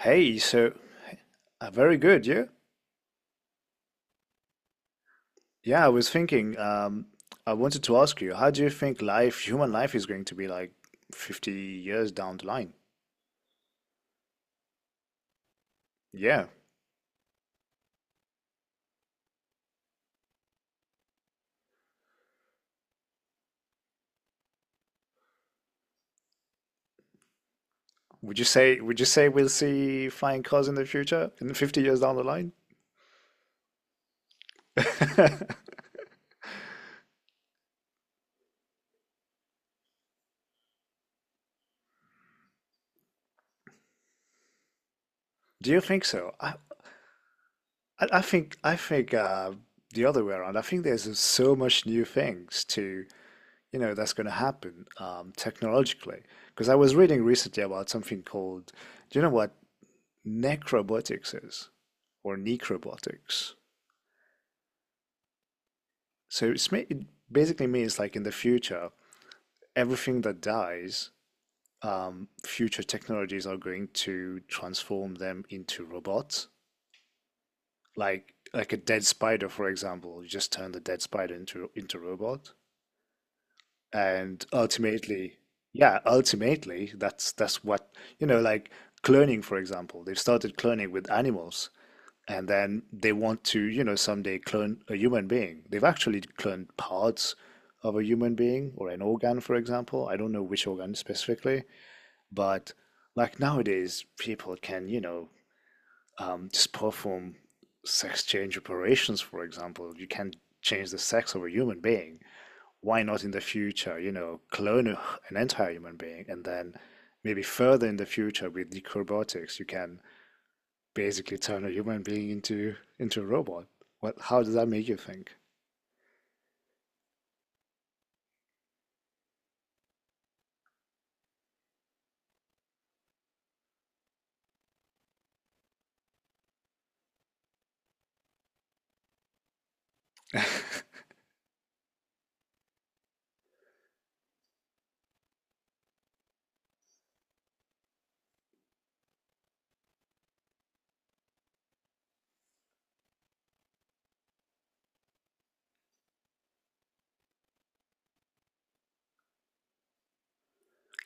Hey, so very good, yeah? Yeah, I was thinking, I wanted to ask you, how do you think life, human life is going to be like 50 years down the line? Yeah. Would you say we'll see flying cars in the future, in 50 years down the line? Do you think so? I think the other way around. I think there's so much new things that's going to happen technologically. Because I was reading recently about something called, do you know what necrobotics is? Or necrobotics. So it basically means like in the future, everything that dies, future technologies are going to transform them into robots. Like a dead spider, for example, you just turn the dead spider into a robot, and ultimately, yeah, ultimately, that's what, you know, like cloning, for example, they've started cloning with animals, and then they want to, you know, someday clone a human being. They've actually cloned parts of a human being or an organ, for example. I don't know which organ specifically, but like nowadays, people can, you know, just perform sex change operations, for example. You can change the sex of a human being. Why not in the future, you know, clone an entire human being and then maybe further in the future with deep robotics, you can basically turn a human being into a robot. What, how does that make you think?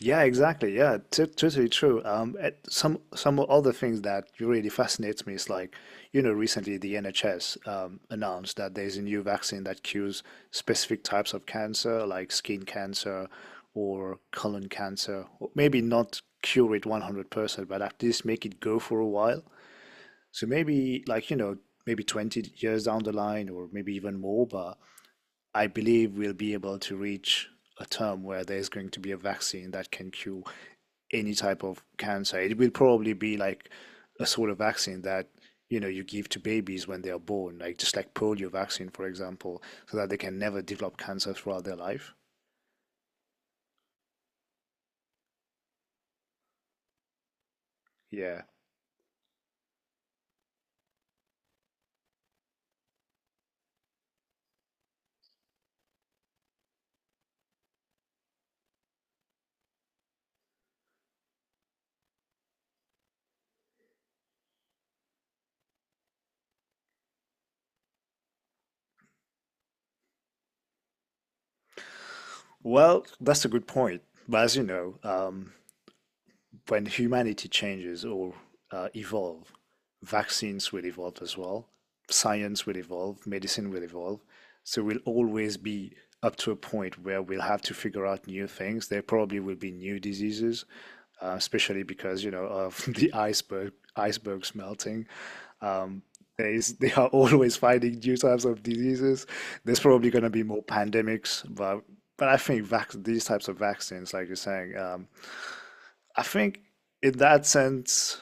Yeah, exactly. Yeah, t totally true. At some other things that really fascinates me is like, you know, recently the NHS announced that there's a new vaccine that cures specific types of cancer, like skin cancer or colon cancer. Or maybe not cure it 100%, but at least make it go for a while. So maybe like, you know, maybe 20 years down the line or maybe even more, but I believe we'll be able to reach a term where there's going to be a vaccine that can cure any type of cancer. It will probably be like a sort of vaccine that, you know, you give to babies when they are born, like just like polio vaccine, for example, so that they can never develop cancer throughout their life. Yeah. Well, that's a good point. But as you know, when humanity changes or evolve, vaccines will evolve as well, science will evolve, medicine will evolve. So we'll always be up to a point where we'll have to figure out new things. There probably will be new diseases, especially because, you know, of the icebergs melting. Um, there is, they are always finding new types of diseases. There's probably going to be more pandemics, but I think vac these types of vaccines, like you're saying, I think in that sense,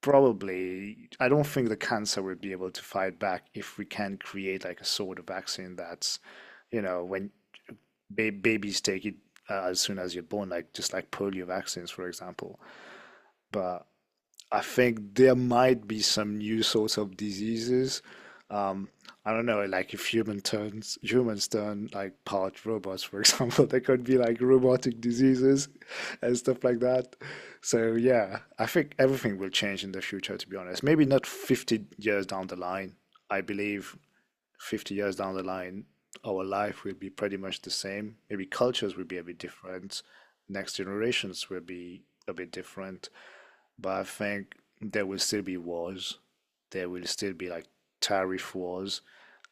probably, I don't think the cancer will be able to fight back if we can create like a sort of vaccine that's, you know, when ba babies take it as soon as you're born, like just like polio vaccines, for example. But I think there might be some new sorts of diseases. Um, I don't know, like if humans turn like part robots, for example, there could be like robotic diseases and stuff like that. So yeah, I think everything will change in the future, to be honest. Maybe not 50 years down the line. I believe 50 years down the line, our life will be pretty much the same. Maybe cultures will be a bit different. Next generations will be a bit different, but I think there will still be wars. There will still be like tariff wars.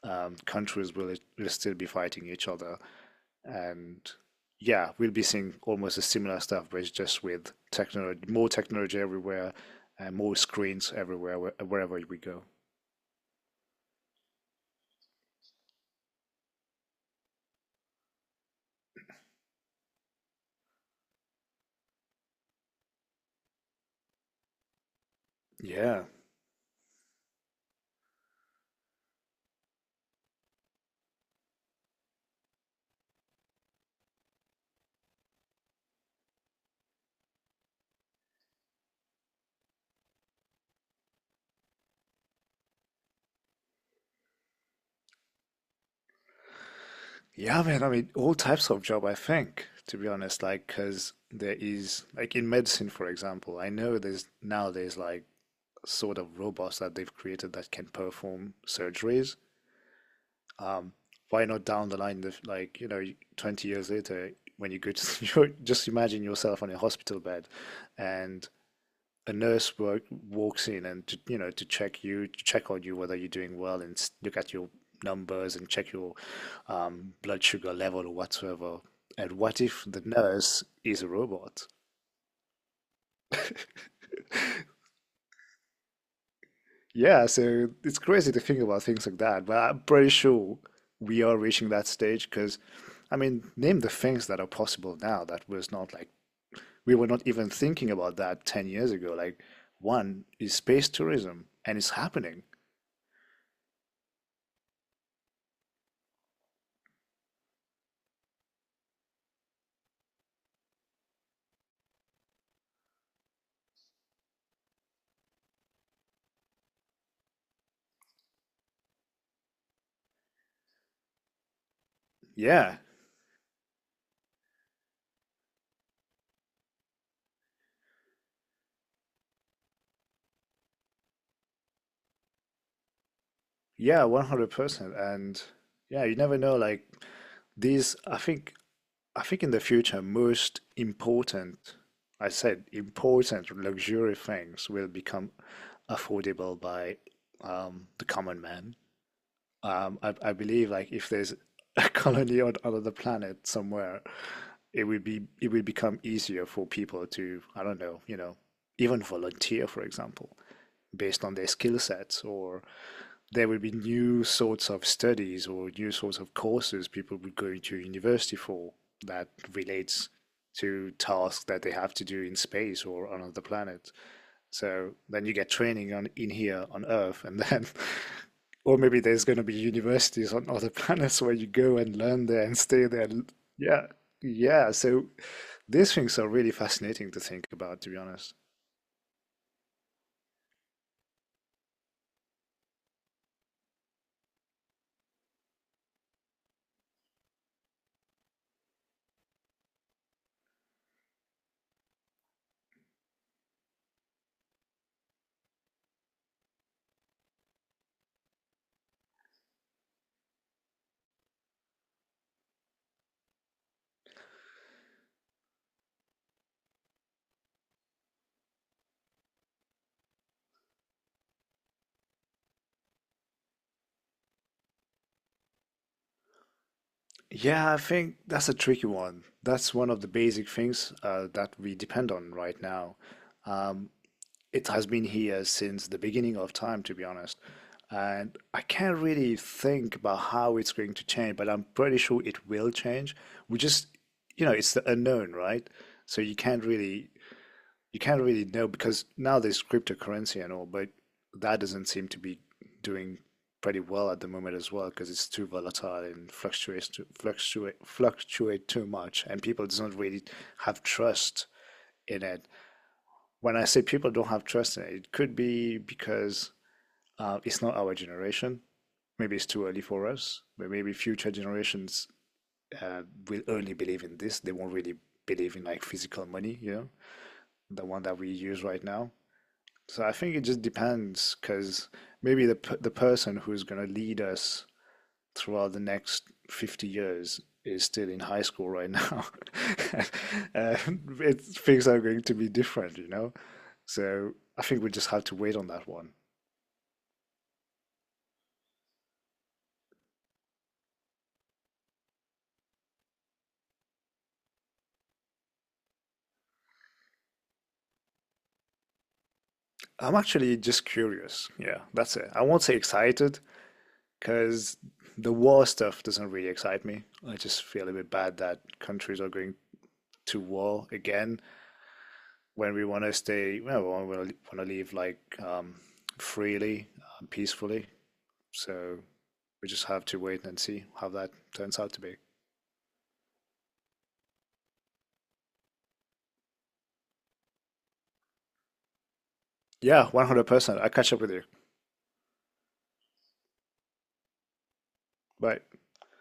Countries will still be fighting each other, and yeah, we'll be seeing almost a similar stuff, but it's just with technology, more technology everywhere, and more screens everywhere wherever we go. Yeah, yeah, man. I mean, all types of job. I think, to be honest, like because there is like in medicine, for example. I know there's nowadays like sort of robots that they've created that can perform surgeries. Um, why not down the line, like, you know, 20 years later, when you go to, you just imagine yourself on a hospital bed and a walks in and, to, you know, to check you, to check on you whether you're doing well and look at your numbers and check your blood sugar level or whatsoever. And what if the nurse is a robot? Yeah, so it's crazy to think about things like that, but I'm pretty sure we are reaching that stage because, I mean, name the things that are possible now that was not like we were not even thinking about that 10 years ago. Like, one is space tourism, and it's happening. Yeah, yeah, 100%. And yeah, you never know. Like, I think in the future, most important, I said important luxury things will become affordable by the common man. I believe like if there's a colony on another planet somewhere, it will become easier for people to, I don't know, you know, even volunteer, for example, based on their skill sets, or there would be new sorts of studies or new sorts of courses people would go into university for that relates to tasks that they have to do in space or on other planets. So then you get training on in here on Earth, and then, or maybe there's going to be universities on other planets where you go and learn there and stay there. Yeah, yeah. So these things are really fascinating to think about, to be honest. Yeah, I think that's a tricky one. That's one of the basic things that we depend on right now. Um, it has been here since the beginning of time, to be honest. And I can't really think about how it's going to change, but I'm pretty sure it will change. We just, you know, it's the unknown, right? So you can't really know because now there's cryptocurrency and all, but that doesn't seem to be doing pretty well at the moment as well because it's too volatile and fluctuates to fluctuate fluctuate too much, and people don't really have trust in it. When I say people don't have trust in it, it could be because it's not our generation. Maybe it's too early for us, but maybe future generations uh, will only believe in this. They won't really believe in like physical money, you know, the one that we use right now. So I think it just depends because maybe the person who's going to lead us throughout the next 50 years is still in high school right now. Uh, it, things are going to be different, you know? So I think we just have to wait on that one. I'm actually just curious. Yeah, that's it. I won't say excited because the war stuff doesn't really excite me. I just feel a bit bad that countries are going to war again. When we want to stay, well, we want to leave like um, freely, peacefully. So we just have to wait and see how that turns out to be. Yeah, 100%. I'll catch up with you. Bye.